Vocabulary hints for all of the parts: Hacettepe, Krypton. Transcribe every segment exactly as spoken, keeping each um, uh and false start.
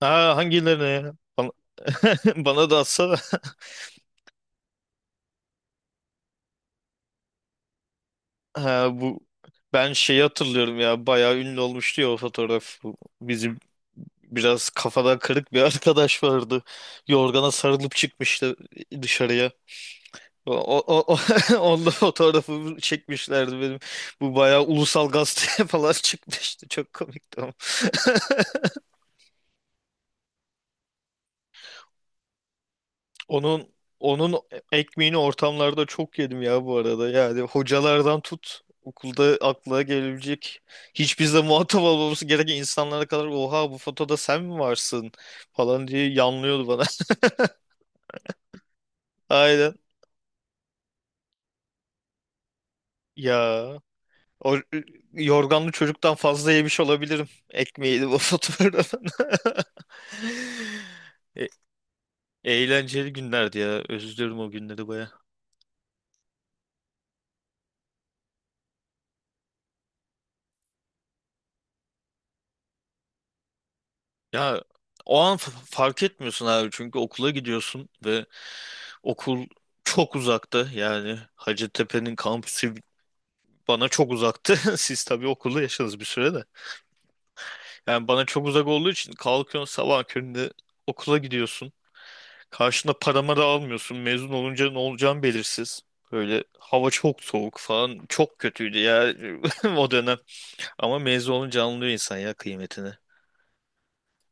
Ha hangilerine ya? Bana, bana da atsana. Ha, bu ben şeyi hatırlıyorum ya bayağı ünlü olmuştu ya o fotoğraf. Bu bizim biraz kafadan kırık bir arkadaş vardı. Yorgana sarılıp çıkmıştı dışarıya. O, o, o, onda fotoğrafı çekmişlerdi benim. Bu bayağı ulusal gazeteye falan çıkmıştı. Çok komikti. Onun onun ekmeğini ortamlarda çok yedim ya bu arada. Yani hocalardan tut okulda aklına gelebilecek hiç bizle muhatap olmaması gereken insanlara kadar oha bu fotoda sen mi varsın falan diye yanlıyordu bana. Aynen. Ya o yorganlı çocuktan fazla yemiş olabilirim ekmeği de bu fotoğrafta. E- eğlenceli günlerdi ya. Özlüyorum o günleri baya. Ya o an f- fark etmiyorsun abi çünkü okula gidiyorsun ve okul çok uzaktı, yani Hacettepe'nin kampüsü bana çok uzaktı. Siz tabii okulda yaşadınız bir süre de. Yani bana çok uzak olduğu için kalkıyorsun sabah köründe okula gidiyorsun. Karşına paramı da almıyorsun. Mezun olunca ne olacağın belirsiz. Böyle hava çok soğuk falan, çok kötüydü ya o dönem. Ama mezun olunca anlıyor insan ya kıymetini.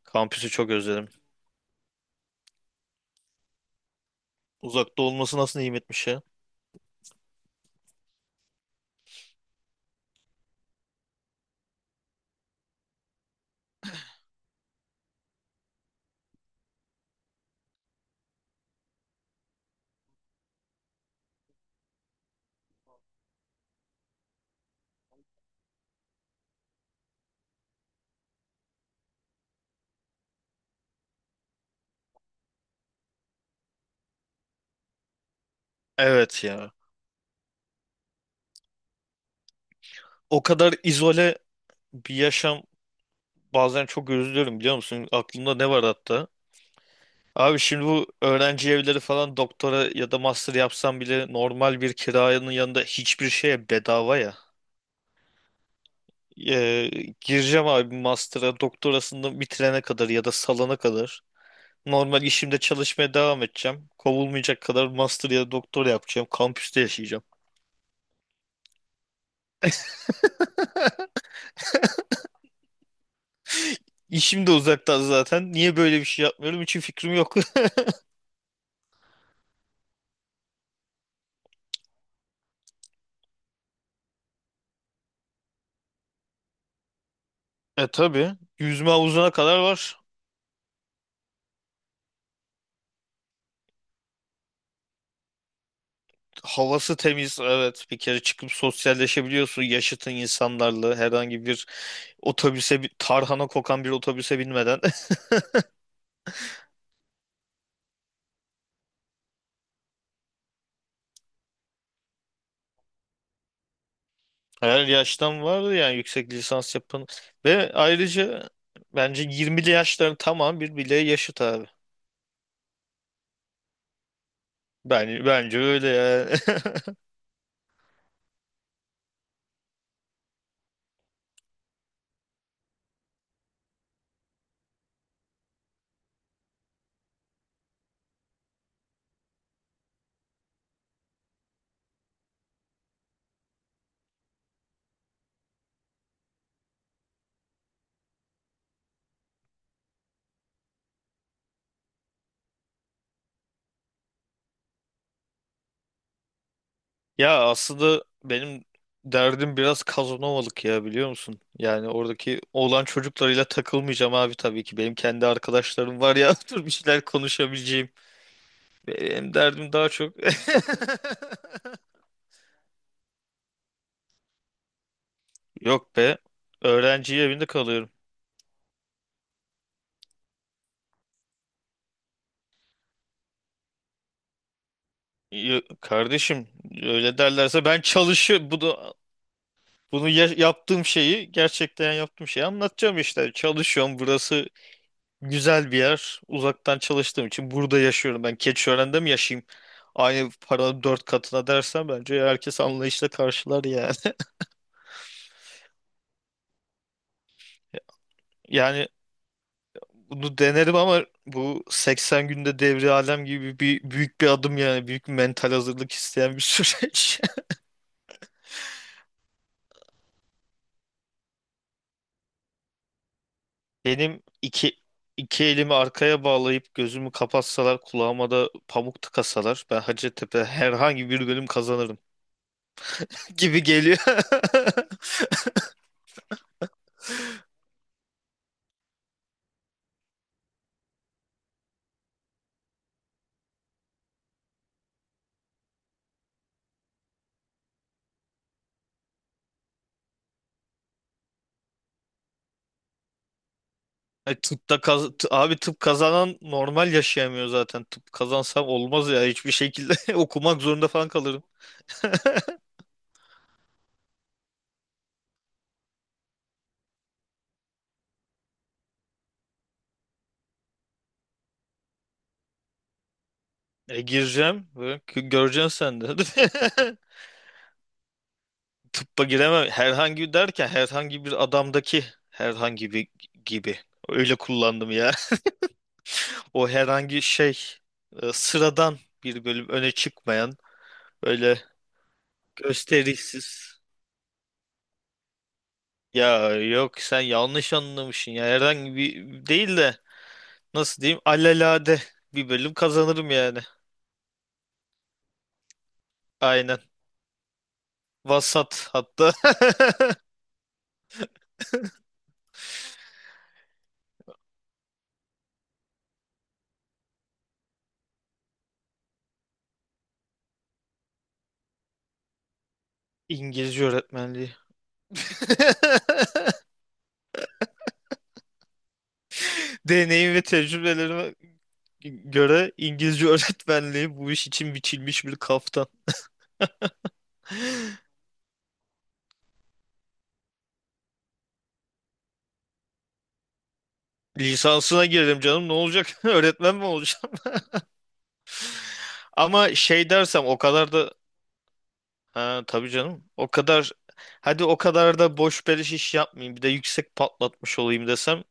Kampüsü çok özledim. Uzakta olması nasıl nimetmiş ya. Evet ya. O kadar izole bir yaşam, bazen çok üzülüyorum biliyor musun? Aklımda ne var hatta? Abi şimdi bu öğrenci evleri falan, doktora ya da master yapsam bile normal bir kirayanın yanında hiçbir şeye bedava ya. Ee, gireceğim abi master'a, doktorasını bitirene kadar ya da salana kadar. Normal işimde çalışmaya devam edeceğim. Kovulmayacak kadar master ya da doktor yapacağım. Kampüste yaşayacağım. İşim de uzaktan zaten. Niye böyle bir şey yapmıyorum? Hiç fikrim yok. E tabii. Yüzme havuzuna kadar var. Havası temiz, evet, bir kere çıkıp sosyalleşebiliyorsun yaşıtın insanlarla, herhangi bir otobüse, bir tarhana kokan bir otobüse binmeden. Her yaştan vardı yani yüksek lisans yapan, ve ayrıca bence yirmili yaşların tamam bir bile yaşıt abi. Ben, bence öyle ya. Ya aslında benim derdim biraz Kazanovalık ya, biliyor musun? Yani oradaki oğlan çocuklarıyla takılmayacağım abi tabii ki. Benim kendi arkadaşlarım var ya, dur, bir şeyler konuşabileceğim. Benim derdim daha çok. Yok be. Öğrenci evinde kalıyorum. Ya- Kardeşim öyle derlerse ben çalışıyorum, bu da bunu ya- yaptığım şeyi, gerçekten yaptığım şeyi anlatacağım işte. Çalışıyorum. Burası güzel bir yer. Uzaktan çalıştığım için burada yaşıyorum. Ben Keçiören'de mi yaşayayım? Aynı paranın dört katına dersen bence herkes anlayışla karşılar yani. Yani bunu denerim, ama bu seksen günde devri alem gibi bir büyük bir adım, yani büyük bir mental hazırlık isteyen bir süreç. Benim iki iki elimi arkaya bağlayıp gözümü kapatsalar, kulağıma da pamuk tıkasalar, ben Hacettepe herhangi bir bölüm kazanırım gibi geliyor. Ay, Tıpta kaz t- abi tıp kazanan normal yaşayamıyor zaten. Tıp kazansam olmaz ya, hiçbir şekilde okumak zorunda falan kalırım. E gireceğim. Böyle, gö- göreceksin sen de. Tıbba giremem. Herhangi derken, herhangi bir adamdaki herhangi bir gibi. Öyle kullandım ya. O herhangi şey, e, sıradan bir bölüm, öne çıkmayan, öyle gösterişsiz. Ya yok, sen yanlış anlamışsın ya. Herhangi bir değil de, nasıl diyeyim, alelade bir bölüm kazanırım yani. Aynen. Vasat hatta. İngilizce öğretmenliği. Deneyim ve tecrübelerime göre İngilizce öğretmenliği bu iş için biçilmiş bir kaftan. Lisansına girdim canım, ne olacak? Öğretmen mi olacağım? Ama şey dersem o kadar da, ha, tabii canım, o kadar, hadi o kadar da boş beleş iş yapmayayım, bir de yüksek patlatmış olayım desem,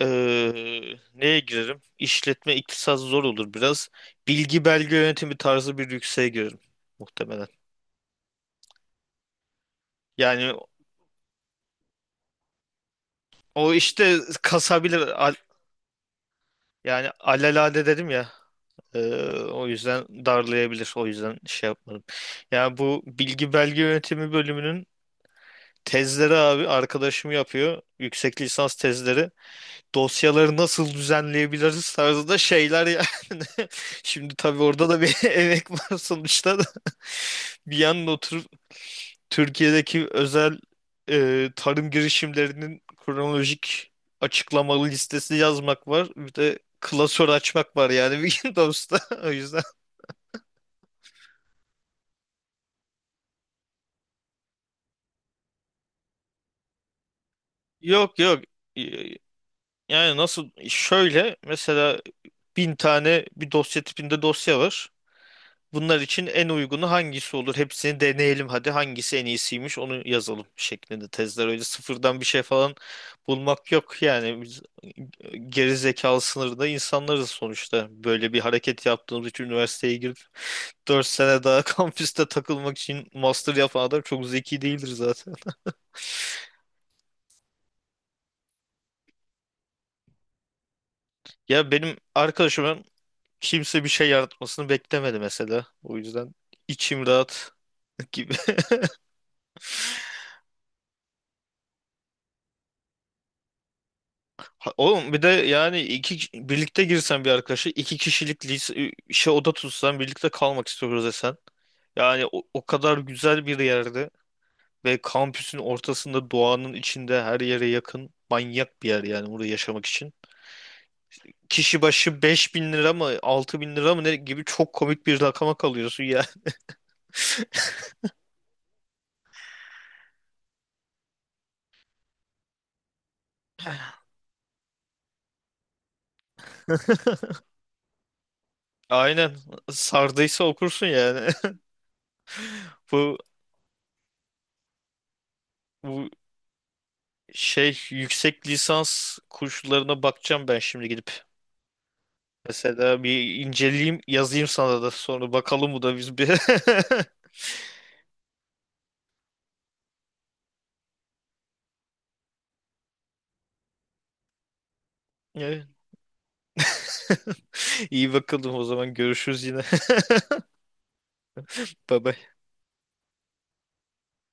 eee, neye girerim? İşletme, iktisat zor olur biraz. Bilgi belge yönetimi tarzı bir yükseğe girerim muhtemelen. Yani o işte kasabilir, al- yani alelade dedim ya. Ee, o yüzden darlayabilir. O yüzden şey yapmadım. Ya, bu bilgi belge yönetimi bölümünün tezleri abi, arkadaşım yapıyor. Yüksek lisans tezleri. Dosyaları nasıl düzenleyebiliriz tarzında şeyler yani. Şimdi tabii orada da bir emek var sonuçta da. Bir yandan oturup Türkiye'deki özel, e, tarım girişimlerinin kronolojik açıklamalı listesi yazmak var. Bir de klasör açmak var, yani bir gün dosta. O yüzden. Yok yok. Y- Yani nasıl, şöyle mesela, bin tane bir dosya tipinde dosya var. Bunlar için en uygunu hangisi olur? Hepsini deneyelim, hadi hangisi en iyisiymiş onu yazalım şeklinde tezler. Öyle sıfırdan bir şey falan bulmak yok. Yani biz e, geri zekalı sınırında insanlarız sonuçta. Böyle bir hareket yaptığımız için üniversiteye girip dört sene daha kampüste takılmak için master yapan adam çok zeki değildir zaten. Ya benim arkadaşım, kimse bir şey yaratmasını beklemedi mesela. O yüzden içim rahat gibi. Ha, oğlum, bir de yani iki ki- birlikte girsen, bir arkadaşı, iki kişilik lise, şey oda tutsan, birlikte kalmak istiyoruz desen. Yani o, o kadar güzel bir yerde ve kampüsün ortasında, doğanın içinde, her yere yakın, manyak bir yer yani burada yaşamak için. Kişi başı beş bin lira mı, altı bin lira mı ne gibi çok komik bir rakama kalıyorsun ya. Aynen, sardıysa okursun yani. Bu, bu Şey, yüksek lisans kurslarına bakacağım ben şimdi gidip. Mesela bir inceleyeyim, yazayım sana da, sonra bakalım bu da biz bir. Evet. İyi, bakalım o zaman, görüşürüz yine. Bye bye.